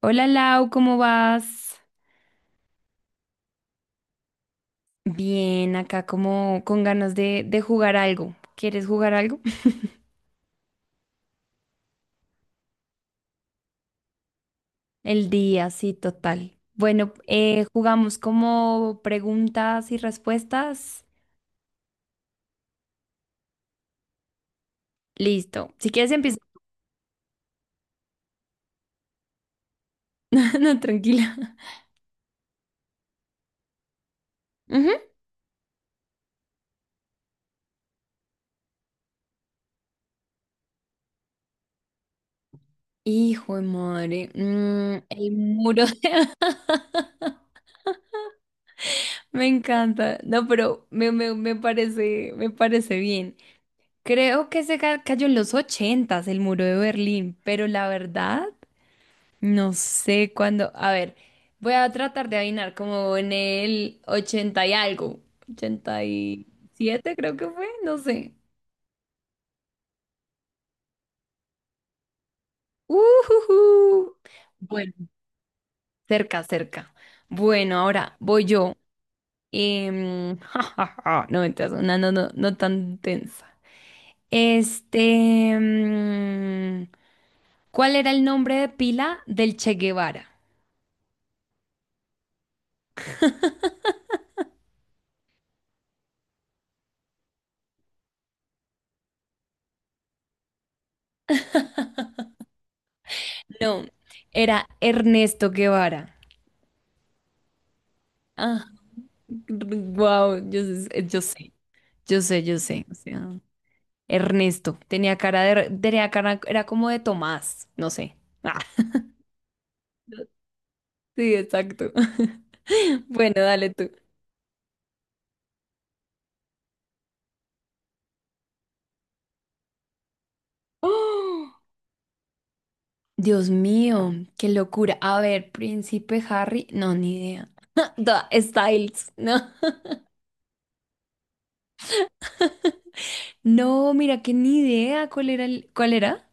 Hola Lau, ¿cómo vas? Bien, acá como con ganas de jugar algo. ¿Quieres jugar algo? El día, sí, total. Bueno, jugamos como preguntas y respuestas. Listo. Si quieres empiezo. No, tranquila. Ujú. Hijo de madre. El muro de. Me encanta. No, pero me parece bien. Creo que se cayó en los ochentas el muro de Berlín, pero la verdad. No sé cuándo. A ver, voy a tratar de adivinar como en el 80 y algo. 87 creo que fue, no sé. Ujujú. Bueno, cerca, cerca. Bueno, ahora voy yo. Ja, ja, ja. No, mentiras, una no, no, no tan tensa. Este, ¿cuál era el nombre de pila del Che Guevara? No, era Ernesto Guevara. Ah, wow, yo sé, yo sé, yo sé, yo sé, o sea, Ernesto tenía cara, era como de Tomás, no sé. Ah, sí, exacto. Bueno, dale tú. ¡Oh! Dios mío, qué locura. A ver, Príncipe Harry, no, ni idea. Styles, no. No, mira que ni idea cuál era cuál era.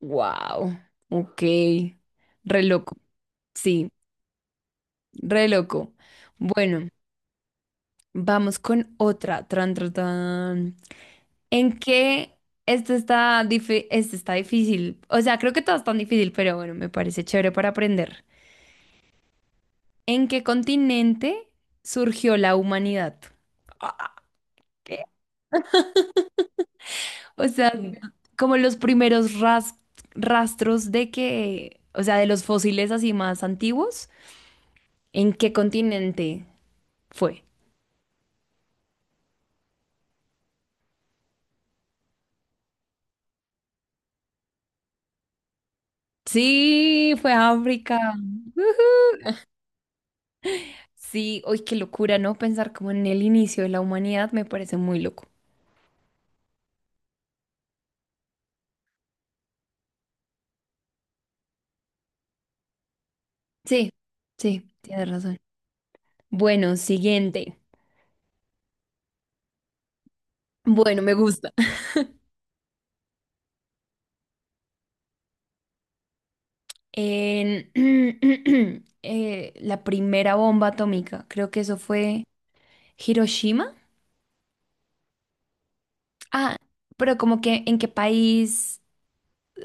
Wow, ok. Re loco. Sí, re loco. Bueno. Vamos con otra. Tran, tran, tran. ¿En qué? Esto está difícil. O sea, creo que todo es tan difícil, pero bueno, me parece chévere para aprender. ¿En qué continente surgió la humanidad? Ah, ¿qué? O sea, mira, como los primeros rastros de que, o sea, de los fósiles así más antiguos, ¿en qué continente fue? Sí, fue África. Sí, hoy qué locura, ¿no? Pensar como en el inicio de la humanidad me parece muy loco. Sí, sí, tienes razón. Bueno, siguiente. Bueno, me gusta. En la primera bomba atómica, creo que eso fue Hiroshima. Ah, pero como que ¿en qué país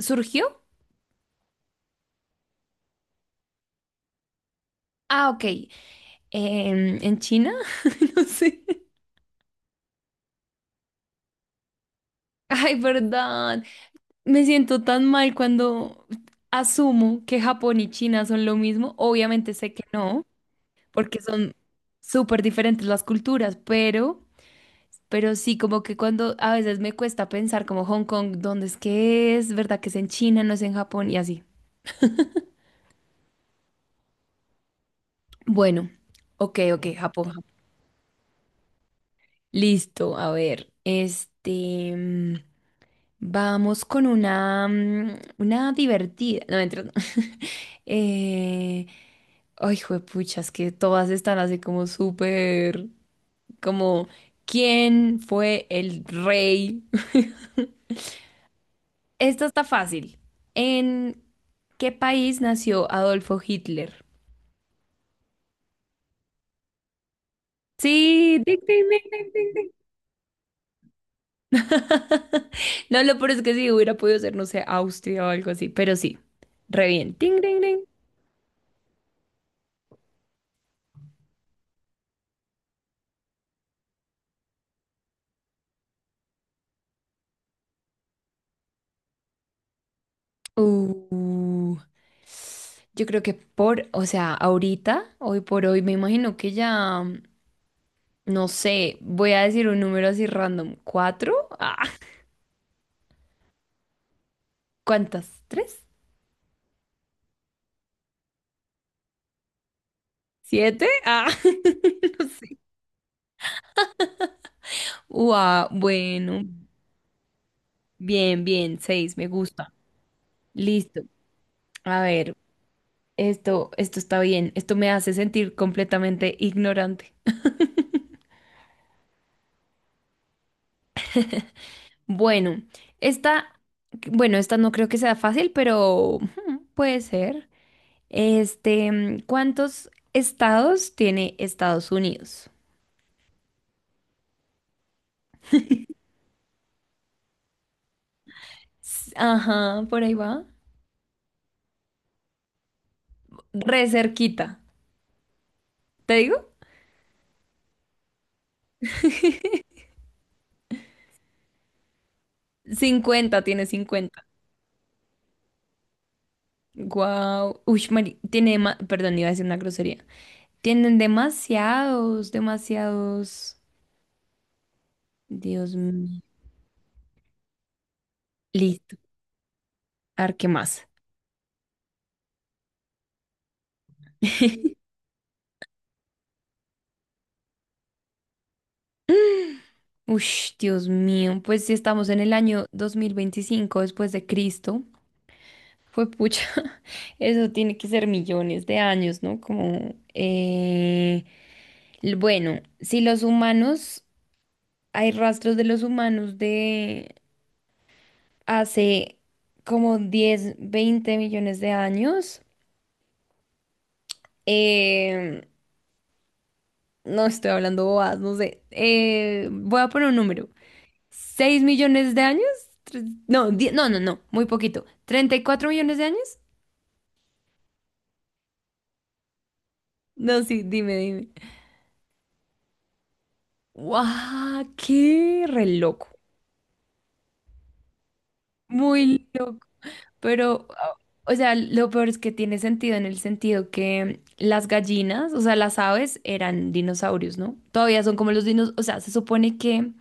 surgió? Ah, ok. ¿En China? No sé. Ay, verdad. Me siento tan mal cuando asumo que Japón y China son lo mismo. Obviamente sé que no, porque son súper diferentes las culturas, pero sí, como que cuando a veces me cuesta pensar como Hong Kong, ¿dónde es que es? ¿Verdad que es en China, no es en Japón? Y así. Bueno, ok, ok, Japón. Japón. Listo, a ver, este, vamos con una divertida. No, mentira, no. Eh, Ay, juepucha, es que todas están así como súper, como, ¿quién fue el rey? Esto está fácil. ¿En qué país nació Adolfo Hitler? Sí, ding, ding, ding, ding, ding, ding. No, lo peor es que sí, hubiera podido ser, no sé, Austria o algo así, pero sí, re bien. Ding, ding, ding. Uh, yo creo que por, o sea, ahorita, hoy por hoy, me imagino que ya, no sé, voy a decir un número así random, ¿cuatro? ¿Cuántas? ¿Tres? ¿Siete? Ah, no sé. Ua, bueno, bien, bien, seis, me gusta. Listo. A ver, esto está bien. Esto me hace sentir completamente ignorante. Bueno, esta, bueno, esta no creo que sea fácil, pero hmm, puede ser. Este, ¿cuántos estados tiene Estados Unidos? Ajá, por ahí va. Re cerquita. ¿Te digo? 50, tiene 50. Wow. Uy, tiene perdón, iba a decir una grosería. Tienen demasiados, demasiados. Dios mío. Listo. A ver, ¿qué más? Uy, Dios mío. Pues si estamos en el año 2025 después de Cristo, fue pucha. Eso tiene que ser millones de años, ¿no? Como, bueno, si los humanos, hay rastros de los humanos de hace como 10, 20 millones de años. Eh, no estoy hablando bobadas, no sé. Voy a poner un número. ¿6 millones de años? No, no, no, no, muy poquito. ¿34 millones de años? No, sí, dime, dime. ¡Guau! ¡Qué re loco! Muy loco. Pero, ah, o sea, lo peor es que tiene sentido en el sentido que las gallinas, o sea, las aves eran dinosaurios, ¿no? Todavía son como los dinosaurios, o sea, se supone que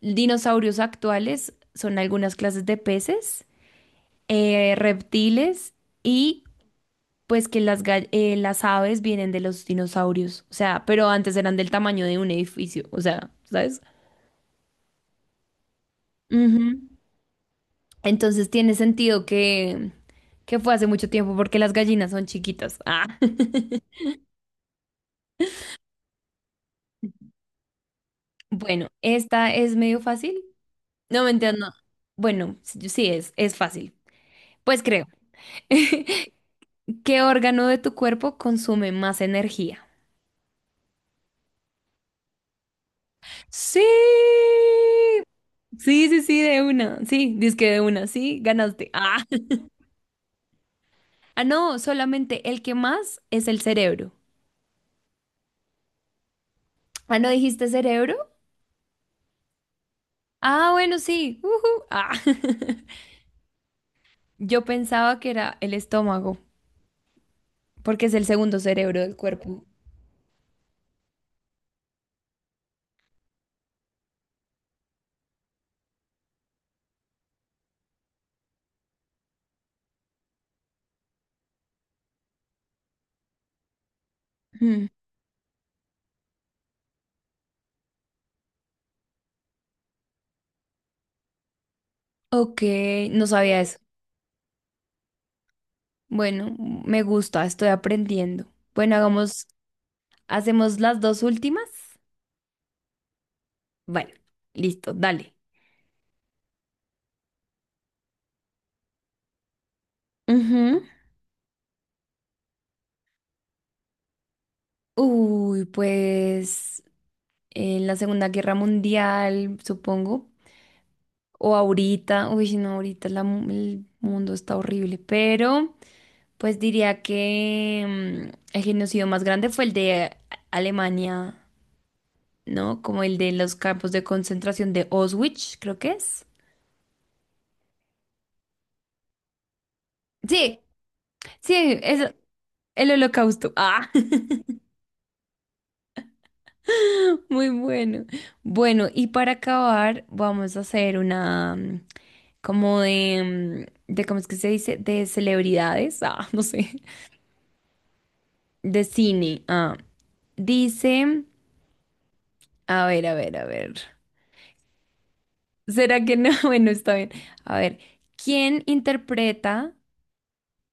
dinosaurios actuales son algunas clases de peces, reptiles y pues que las aves vienen de los dinosaurios, o sea, pero antes eran del tamaño de un edificio, o sea, ¿sabes? Ujú. Entonces tiene sentido que fue hace mucho tiempo porque las gallinas son chiquitas. Ah. Bueno, esta es medio fácil. No me entiendo. Bueno, sí sí es fácil. Pues creo. ¿Qué órgano de tu cuerpo consume más energía? Sí, sí, sí, sí, de una. Sí, que de una. Sí, ganaste. Ah. Ah, no, solamente el que más es el cerebro. Ah, ¿no dijiste cerebro? Ah, bueno, sí. Ujú. Ah. Yo pensaba que era el estómago, porque es el segundo cerebro del cuerpo. Mm. Ok, no sabía eso. Bueno, me gusta, estoy aprendiendo. Bueno, hacemos las dos últimas. Bueno, listo, dale. Ujú. Uy, pues, en la Segunda Guerra Mundial, supongo, o ahorita, uy, no, ahorita el mundo está horrible, pero pues diría que el genocidio más grande fue el de Alemania, ¿no? Como el de los campos de concentración de Auschwitz, creo que es. Sí, sí, es el Holocausto. Ah, muy bueno. Bueno, y para acabar, vamos a hacer una, como de, ¿cómo es que se dice? De celebridades. Ah, no sé. De cine. Ah, dice, a ver, a ver, a ver. ¿Será que no? Bueno, está bien. A ver, ¿quién interpreta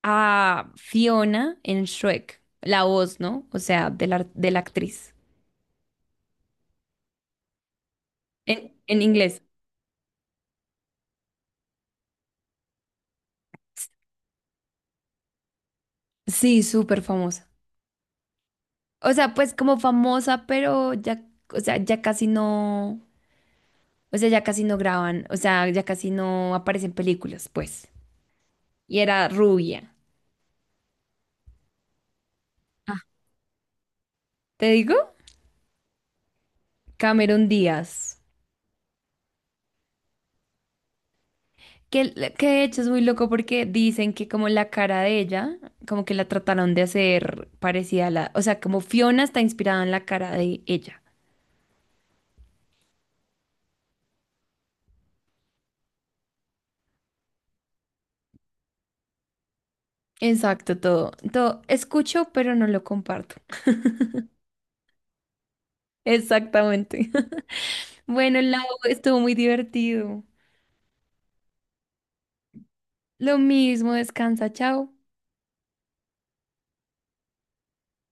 a Fiona en Shrek? La voz, ¿no? O sea, de la actriz. En inglés. Sí, súper famosa. O sea, pues como famosa, pero ya, o sea, ya casi no, o sea, ya casi no graban, o sea, ya casi no aparecen películas, pues. Y era rubia. Ah. ¿Te digo? Cameron Díaz. Que de hecho es muy loco porque dicen que como la cara de ella, como que la trataron de hacer parecida a la, o sea, como Fiona está inspirada en la cara de ella. Exacto, todo, todo. Escucho, pero no lo comparto. Exactamente. Bueno, Lau, estuvo muy divertido. Lo mismo, descansa, chao.